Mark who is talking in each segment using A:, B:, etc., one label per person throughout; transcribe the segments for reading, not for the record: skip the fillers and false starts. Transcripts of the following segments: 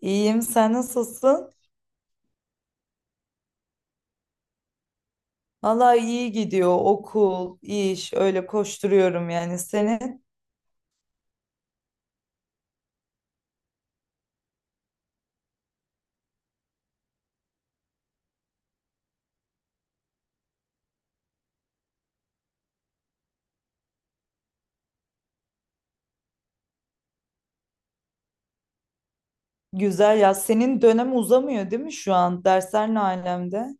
A: İyiyim, sen nasılsın? Vallahi iyi gidiyor. Okul, iş, öyle koşturuyorum yani. Senin güzel ya. Senin dönem uzamıyor değil mi şu an? Dersler ne alemde?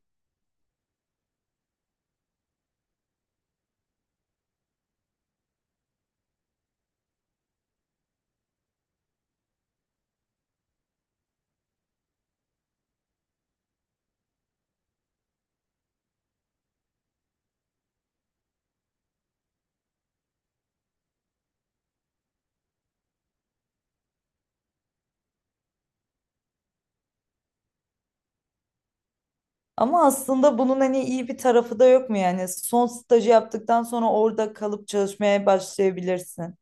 A: Ama aslında bunun hani iyi bir tarafı da yok mu yani? Son stajı yaptıktan sonra orada kalıp çalışmaya başlayabilirsin.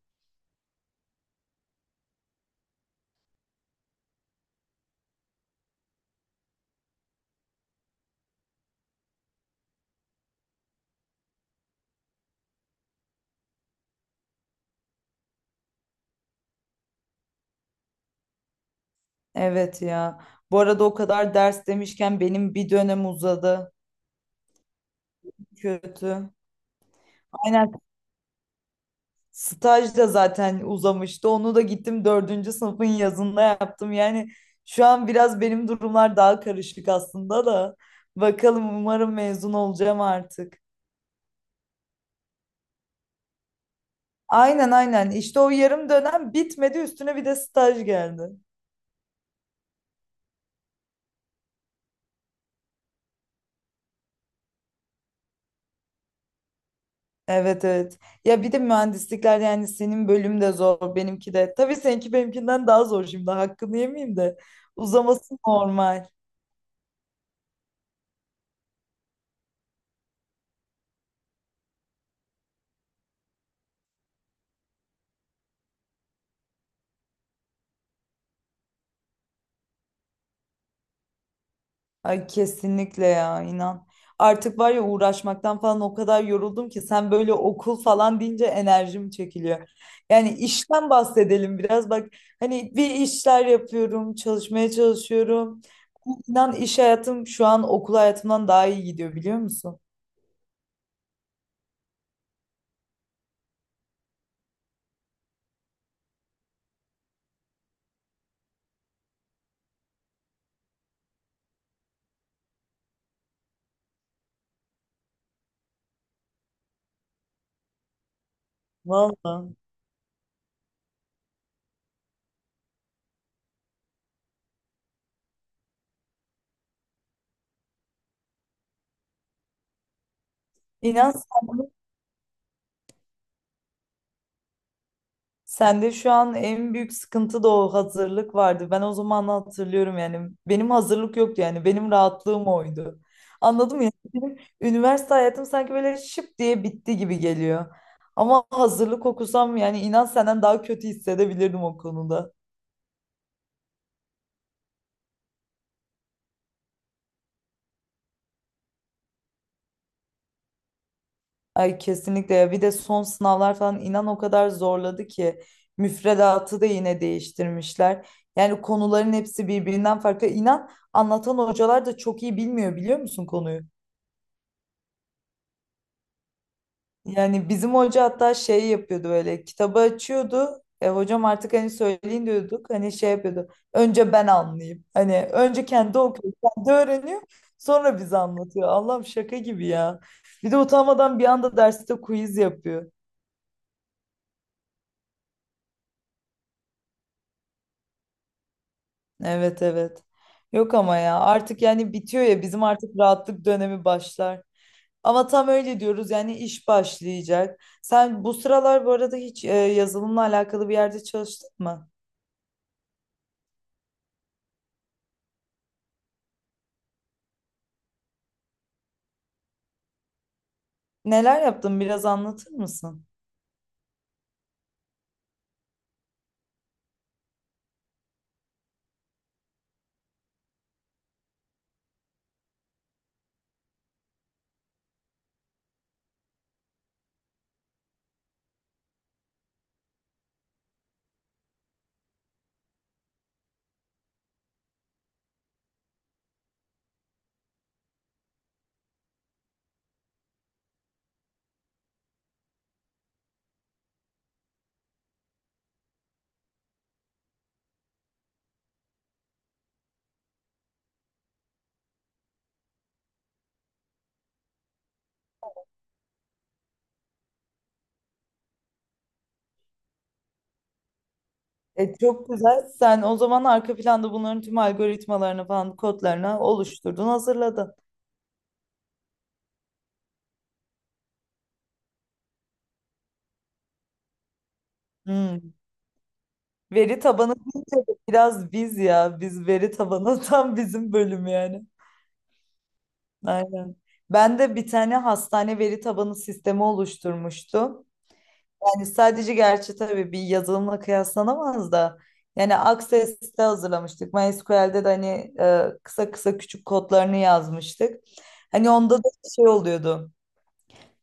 A: Evet ya. Bu arada o kadar ders demişken benim bir dönem uzadı. Kötü. Aynen. Staj da zaten uzamıştı. Onu da gittim dördüncü sınıfın yazında yaptım. Yani şu an biraz benim durumlar daha karışık aslında da. Bakalım umarım mezun olacağım artık. Aynen aynen. İşte o yarım dönem bitmedi. Üstüne bir de staj geldi. Evet evet. Ya bir de mühendislikler yani senin bölüm de zor, benimki de. Tabii seninki benimkinden daha zor şimdi. Hakkını yemeyeyim de. Uzaması normal. Ay kesinlikle ya inan. Artık var ya uğraşmaktan falan o kadar yoruldum ki sen böyle okul falan deyince enerjim çekiliyor. Yani işten bahsedelim biraz bak hani bir işler yapıyorum, çalışmaya çalışıyorum. İnan iş hayatım şu an okul hayatımdan daha iyi gidiyor biliyor musun? Vallahi. İnan sen sende şu an en büyük sıkıntı da o hazırlık vardı. Ben o zaman hatırlıyorum yani. Benim hazırlık yoktu yani. Benim rahatlığım oydu. Anladın mı? Yani benim üniversite hayatım sanki böyle şıp diye bitti gibi geliyor. Ama hazırlık okusam yani inan senden daha kötü hissedebilirdim o konuda. Ay kesinlikle ya. Bir de son sınavlar falan inan o kadar zorladı ki. Müfredatı da yine değiştirmişler. Yani konuların hepsi birbirinden farklı. İnan anlatan hocalar da çok iyi bilmiyor biliyor musun konuyu? Yani bizim hoca hatta şey yapıyordu böyle kitabı açıyordu. Hocam artık hani söyleyin diyorduk. Hani şey yapıyordu. Önce ben anlayayım. Hani önce kendi okuyor, kendi öğreniyor. Sonra bize anlatıyor. Allah'ım şaka gibi ya. Bir de utanmadan bir anda derste quiz yapıyor. Evet evet. Yok ama ya artık yani bitiyor ya bizim artık rahatlık dönemi başlar. Ama tam öyle diyoruz yani iş başlayacak. Sen bu sıralar bu arada hiç yazılımla alakalı bir yerde çalıştın mı? Neler yaptın biraz anlatır mısın? E, çok güzel. Sen o zaman arka planda bunların tüm algoritmalarını falan kodlarını oluşturdun, hazırladın. Hmm. Veri tabanı deyince de biraz biz ya. Biz veri tabanı tam bizim bölüm yani. Aynen. Ben de bir tane hastane veri tabanı sistemi oluşturmuştum. Yani sadece gerçi tabii bir yazılımla kıyaslanamaz da yani Access'te hazırlamıştık. MySQL'de de hani kısa kısa küçük kodlarını yazmıştık. Hani onda da şey oluyordu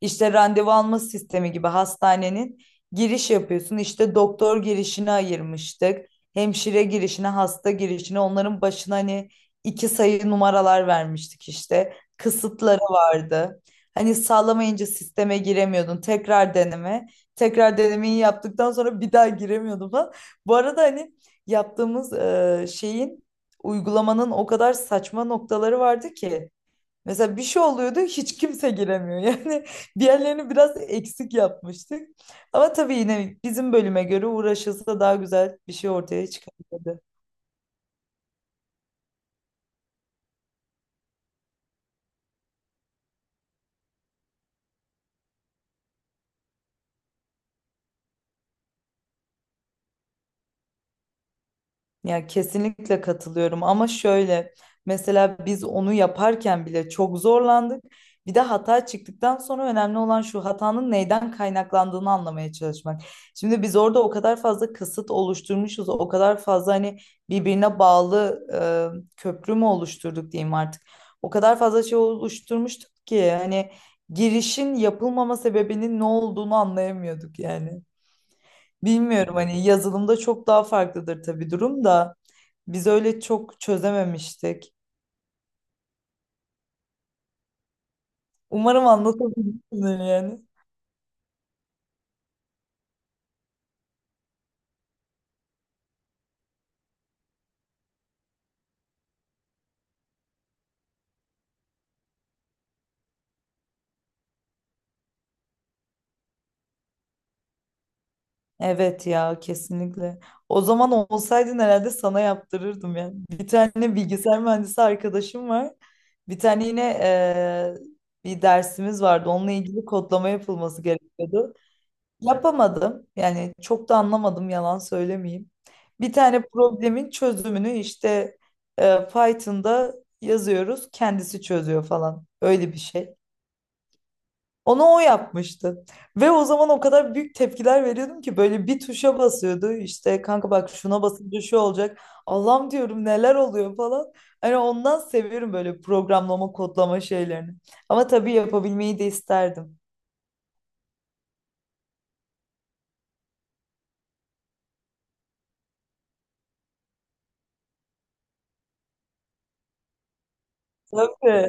A: işte randevu alma sistemi gibi hastanenin giriş yapıyorsun. İşte doktor girişini ayırmıştık. Hemşire girişine, hasta girişine onların başına hani iki sayı numaralar vermiştik işte. Kısıtları vardı. Hani sağlamayınca sisteme giremiyordun. Tekrar deneme. Tekrar denemeyi yaptıktan sonra bir daha giremiyordun falan. Bu arada hani yaptığımız şeyin uygulamanın o kadar saçma noktaları vardı ki. Mesela bir şey oluyordu hiç kimse giremiyor. Yani bir yerlerini biraz eksik yapmıştık. Ama tabii yine bizim bölüme göre uğraşılsa daha güzel bir şey ortaya çıkabilirdi. Ya kesinlikle katılıyorum ama şöyle mesela biz onu yaparken bile çok zorlandık. Bir de hata çıktıktan sonra önemli olan şu hatanın neyden kaynaklandığını anlamaya çalışmak. Şimdi biz orada o kadar fazla kısıt oluşturmuşuz, o kadar fazla hani birbirine bağlı köprü mü oluşturduk diyeyim artık. O kadar fazla şey oluşturmuştuk ki hani girişin yapılmama sebebinin ne olduğunu anlayamıyorduk yani. Bilmiyorum hani yazılımda çok daha farklıdır tabii durum da. Biz öyle çok çözememiştik. Umarım anlatabilmişimdir yani. Evet ya kesinlikle. O zaman olsaydın herhalde sana yaptırırdım yani. Bir tane bilgisayar mühendisi arkadaşım var. Bir tane yine bir dersimiz vardı. Onunla ilgili kodlama yapılması gerekiyordu. Yapamadım. Yani çok da anlamadım yalan söylemeyeyim. Bir tane problemin çözümünü işte Python'da yazıyoruz. Kendisi çözüyor falan. Öyle bir şey. Onu o yapmıştı. Ve o zaman o kadar büyük tepkiler veriyordum ki böyle bir tuşa basıyordu. İşte kanka bak şuna basınca şu olacak. Allah'ım diyorum neler oluyor falan. Hani ondan seviyorum böyle programlama, kodlama şeylerini. Ama tabii yapabilmeyi de isterdim. Tabii.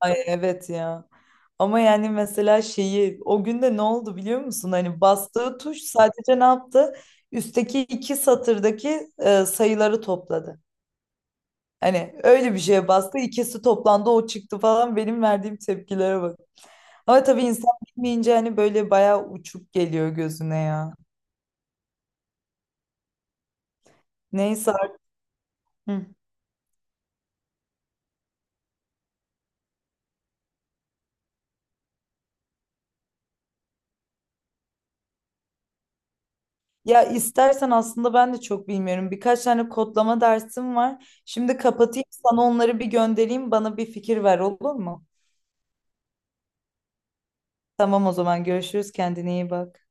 A: Ay evet ya. Ama yani mesela şeyi o günde ne oldu biliyor musun? Hani bastığı tuş sadece ne yaptı? Üstteki iki satırdaki sayıları topladı. Hani öyle bir şeye bastı. İkisi toplandı o çıktı falan. Benim verdiğim tepkilere bak. Ama tabii insan bilmeyince hani böyle bayağı uçuk geliyor gözüne ya. Neyse artık. Hı. Ya istersen aslında ben de çok bilmiyorum. Birkaç tane kodlama dersim var. Şimdi kapatayım sana onları bir göndereyim. Bana bir fikir ver olur mu? Tamam o zaman görüşürüz. Kendine iyi bak.